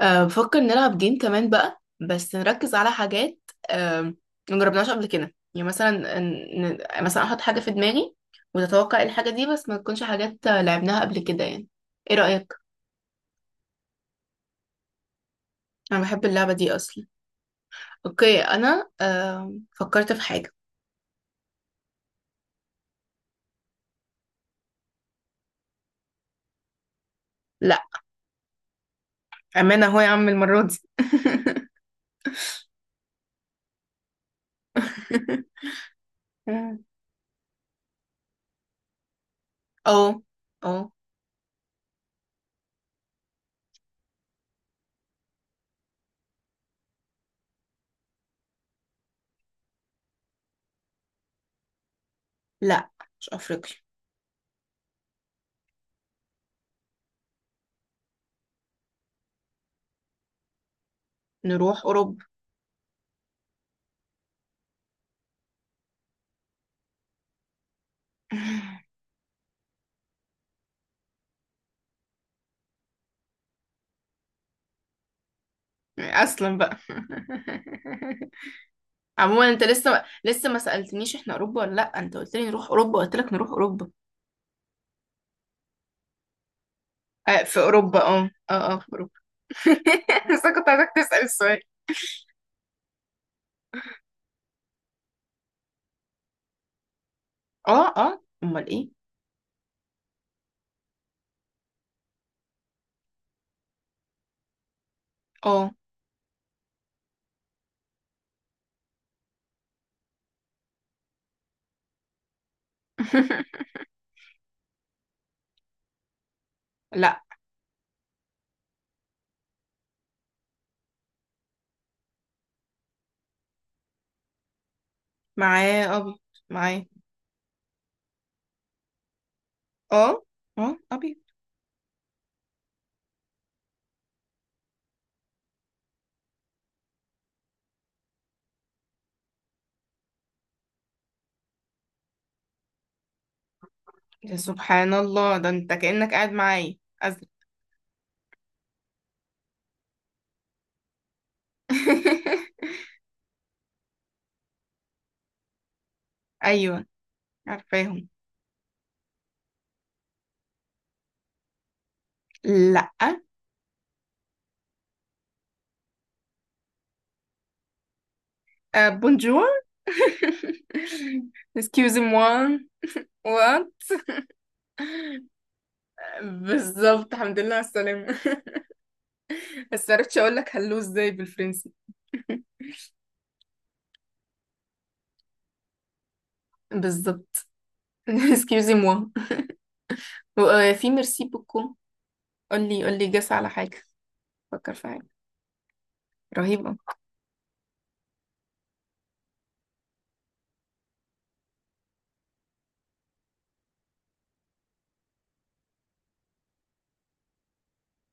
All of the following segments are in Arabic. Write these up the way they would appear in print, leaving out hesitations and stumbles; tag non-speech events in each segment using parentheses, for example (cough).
بفكر نلعب جيم كمان بقى، بس نركز على حاجات أه مجربناهاش قبل كده. يعني مثلا مثلا احط حاجة في دماغي وتتوقع إيه الحاجة دي، بس ما تكونش حاجات لعبناها قبل كده. يعني ايه رأيك؟ انا بحب اللعبة دي اصلا. اوكي انا فكرت في حاجة. لا، امانة اهو يا عم المرة دي. (laughs) اه. اه. لا، مش افريقيا. نروح اوروبا. (laughs) اصلا بقى. (laughs) عموما انت لسه لسه ما سألتنيش احنا اوروبا ولا لا. انت قلت لي نروح اوروبا، قلت لك نروح اوروبا. آه، في اوروبا. اه اه اه في اوروبا. (laughs) بس أنا كنت عايزك تسأل السؤال. اه. اه. امال ايه. اه. (laughs) لا. معاه ابيض. معاه. اه. اه ابيض. يا سبحان الله، ده انت كأنك قاعد معايا. ازرق. (laughs) ايوه، عارفاهم. لا. آه، بونجور. (laughs) excuse moi. what؟ بالظبط، الحمد لله على السلامة. (laughs) بس عرفتش اقول لك هلو ازاي بالفرنسي. بالظبط. (laughs) excusez moi. وفي ميرسي بوكو. قولي قولي، جس على حاجة. فكر في حاجة رهيبة.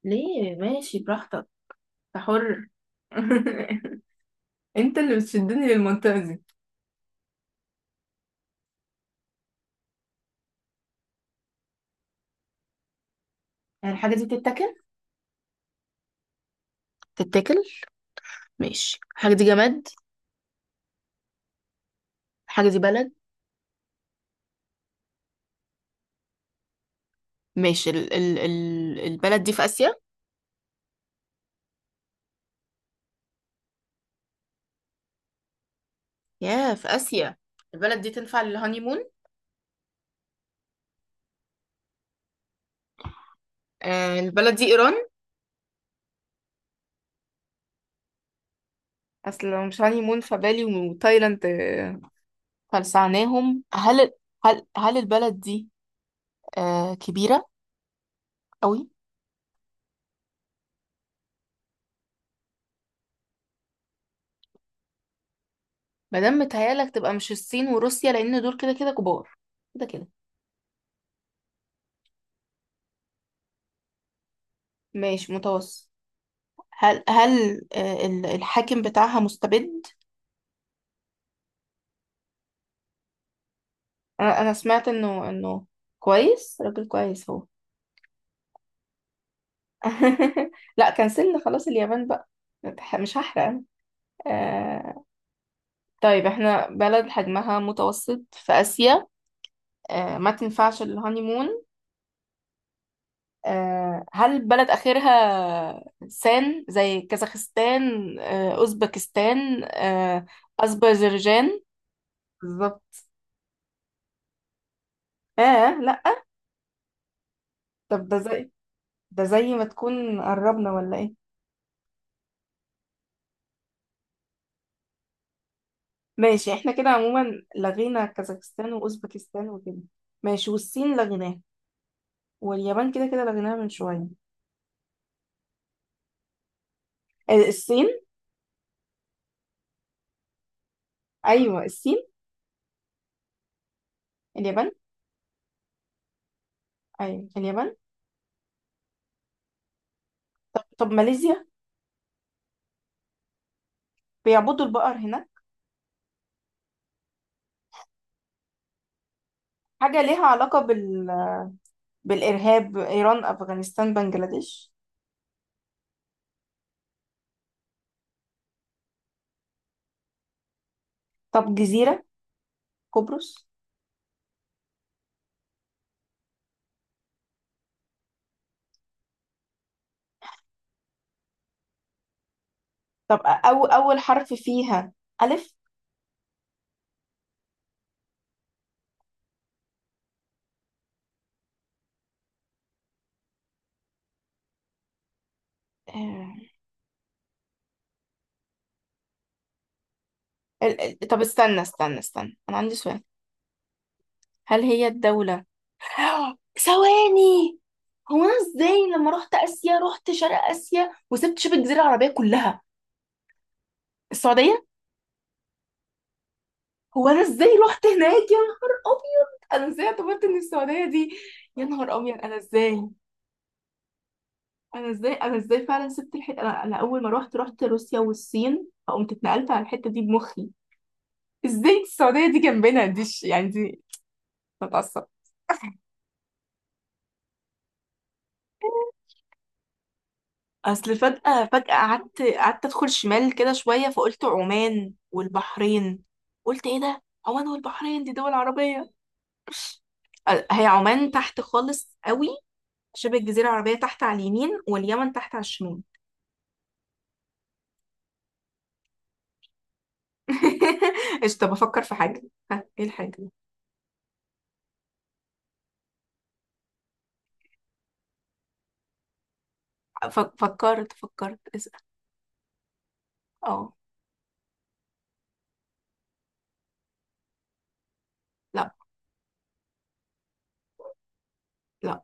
ليه؟ ماشي براحتك، أنت حر. (laughs) انت اللي بتشدني للمنطقة دي. يعني الحاجة دي بتتاكل، تتاكل؟ ماشي، الحاجة دي جماد؟ الحاجة دي بلد؟ ماشي، ال ال ال البلد دي في آسيا؟ يا، في آسيا. البلد دي تنفع للهانيمون؟ البلد دي إيران؟ أصل لو مش هانيمون فبالي وتايلاند. فلسعناهم. هل البلد دي كبيرة قوي؟ مادام متهيألك تبقى مش الصين وروسيا، لأن دول كده كده كبار. كده كده. ماشي، متوسط. هل الحاكم بتاعها مستبد؟ أنا سمعت إنه كويس، راجل كويس هو. (laughs) لا كنسلنا، خلاص اليابان بقى. مش هحرق أنا. آه طيب احنا بلد حجمها متوسط في آسيا ما تنفعش الهانيمون. هل بلد آخرها سان، زي كازاخستان، أوزبكستان، أذربيجان؟ بالظبط. آه. لأ. طب ده زي ما تكون قربنا ولا إيه؟ ماشي، إحنا كده عموما لغينا كازاخستان وأوزبكستان وكده. ماشي، والصين لغيناها، واليابان كده كده لغيناها من شوية. آه، الصين. أيوه الصين. اليابان. أيوه اليابان. طب ماليزيا؟ بيعبدوا البقر هناك؟ حاجة ليها علاقة بالإرهاب؟ إيران؟ أفغانستان؟ بنجلاديش؟ طب جزيرة؟ قبرص؟ طب أول حرف فيها ألف؟ آه، طب استنى استنى استنى، أنا عندي سؤال. هل هي الدولة؟ (gasps) ثواني. هو أنا إزاي لما رحت آسيا، رحت شرق آسيا وسبت شبه الجزيرة العربية كلها؟ السعودية. هو أنا إزاي رحت هناك؟ يا نهار أبيض. أنا إزاي اعتبرت إن السعودية دي. يا نهار أبيض، أنا إزاي. انا ازاي فعلا سبت الحته. أنا اول ما روحت رحت روسيا والصين، فقمت اتنقلت على الحته دي بمخي. ازاي السعوديه دي جنبنا دي يعني دي بتعصب. اصل فجاه فجاه قعدت ادخل شمال كده شويه، فقلت عمان والبحرين. قلت ايه ده، عمان والبحرين دي دول عربيه. هي عمان تحت خالص قوي، شبه الجزيره العربيه تحت على اليمين واليمن تحت على الشمال. (laughs) ايش، طب افكر في حاجه. ها ايه الحاجه. فكرت اسأل. اه. لا. لا.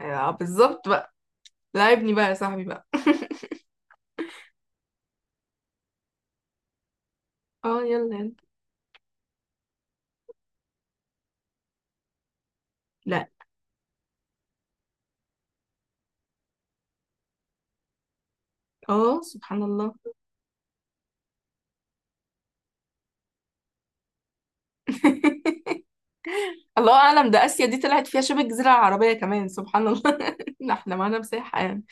آه، بالظبط بقى. لعبني بقى يا صاحبي بقى. (laughs) اه، يلا يلا. لا. اه، سبحان الله. (laughs) الله اعلم، ده اسيا دي طلعت فيها شبه الجزيره العربيه كمان، سبحان الله. (laughs) لا، احنا معانا مساحه يعني.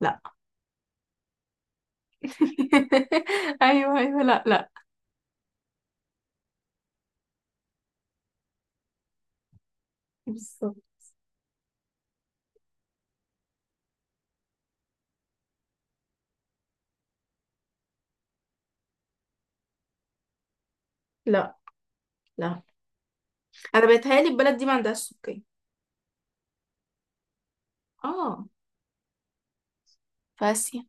لا. (laughs) ايوه ايوه. لا لا. بالظبط. لا لا. انا بيتهيألي البلد دي ما عندهاش سكان. اه، في اسيا.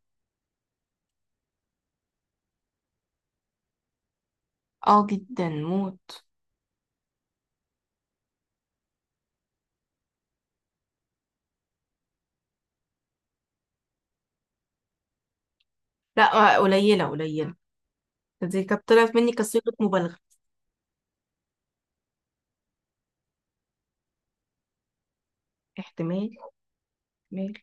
اه جدا موت. لا، آه، قليله قليله. دي كانت طلعت مني كصيغه مبالغه. احتمال، احتمال.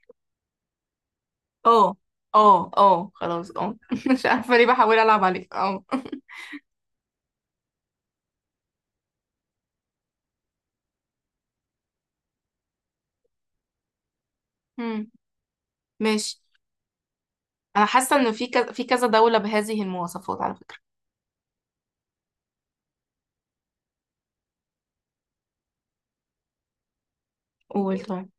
اه اه اه خلاص اه. (laughs) مش عارفة ليه بحاول ألعب عليك. اه. (laughs) مم. ماشي. أنا حاسة إنه في كذا، في كذا دولة بهذه المواصفات على فكرة. قول طيب.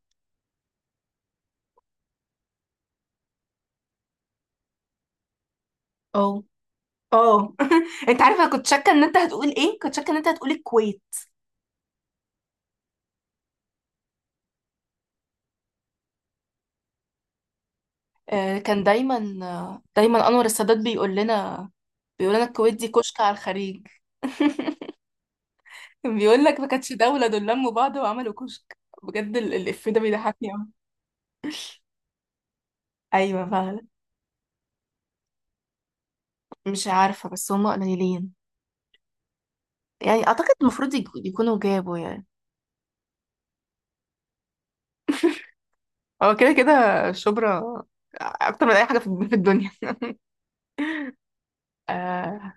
اه اه. (laughs) انت عارفة، أنا كنت شاكة ان انت هتقول ايه، كنت شاكة ان انت هتقول الكويت. آه كان دايما آه دايما انور السادات بيقول لنا. بيقول لنا الكويت دي كشك على الخليج. (laughs) كان بيقول لك ما كانتش دولة، دول لموا بعض وعملوا كشك. بجد الإف ده بيضحكني أوي. أيوة فعلا. مش عارفة بس هما قليلين. يعني اعتقد المفروض يكونوا جابوا يعني. هو كده كده شبرا اكتر من اي حاجه في الدنيا. (laughs) آه.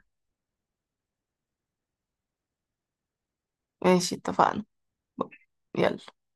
ماشي اتفقنا. يلا.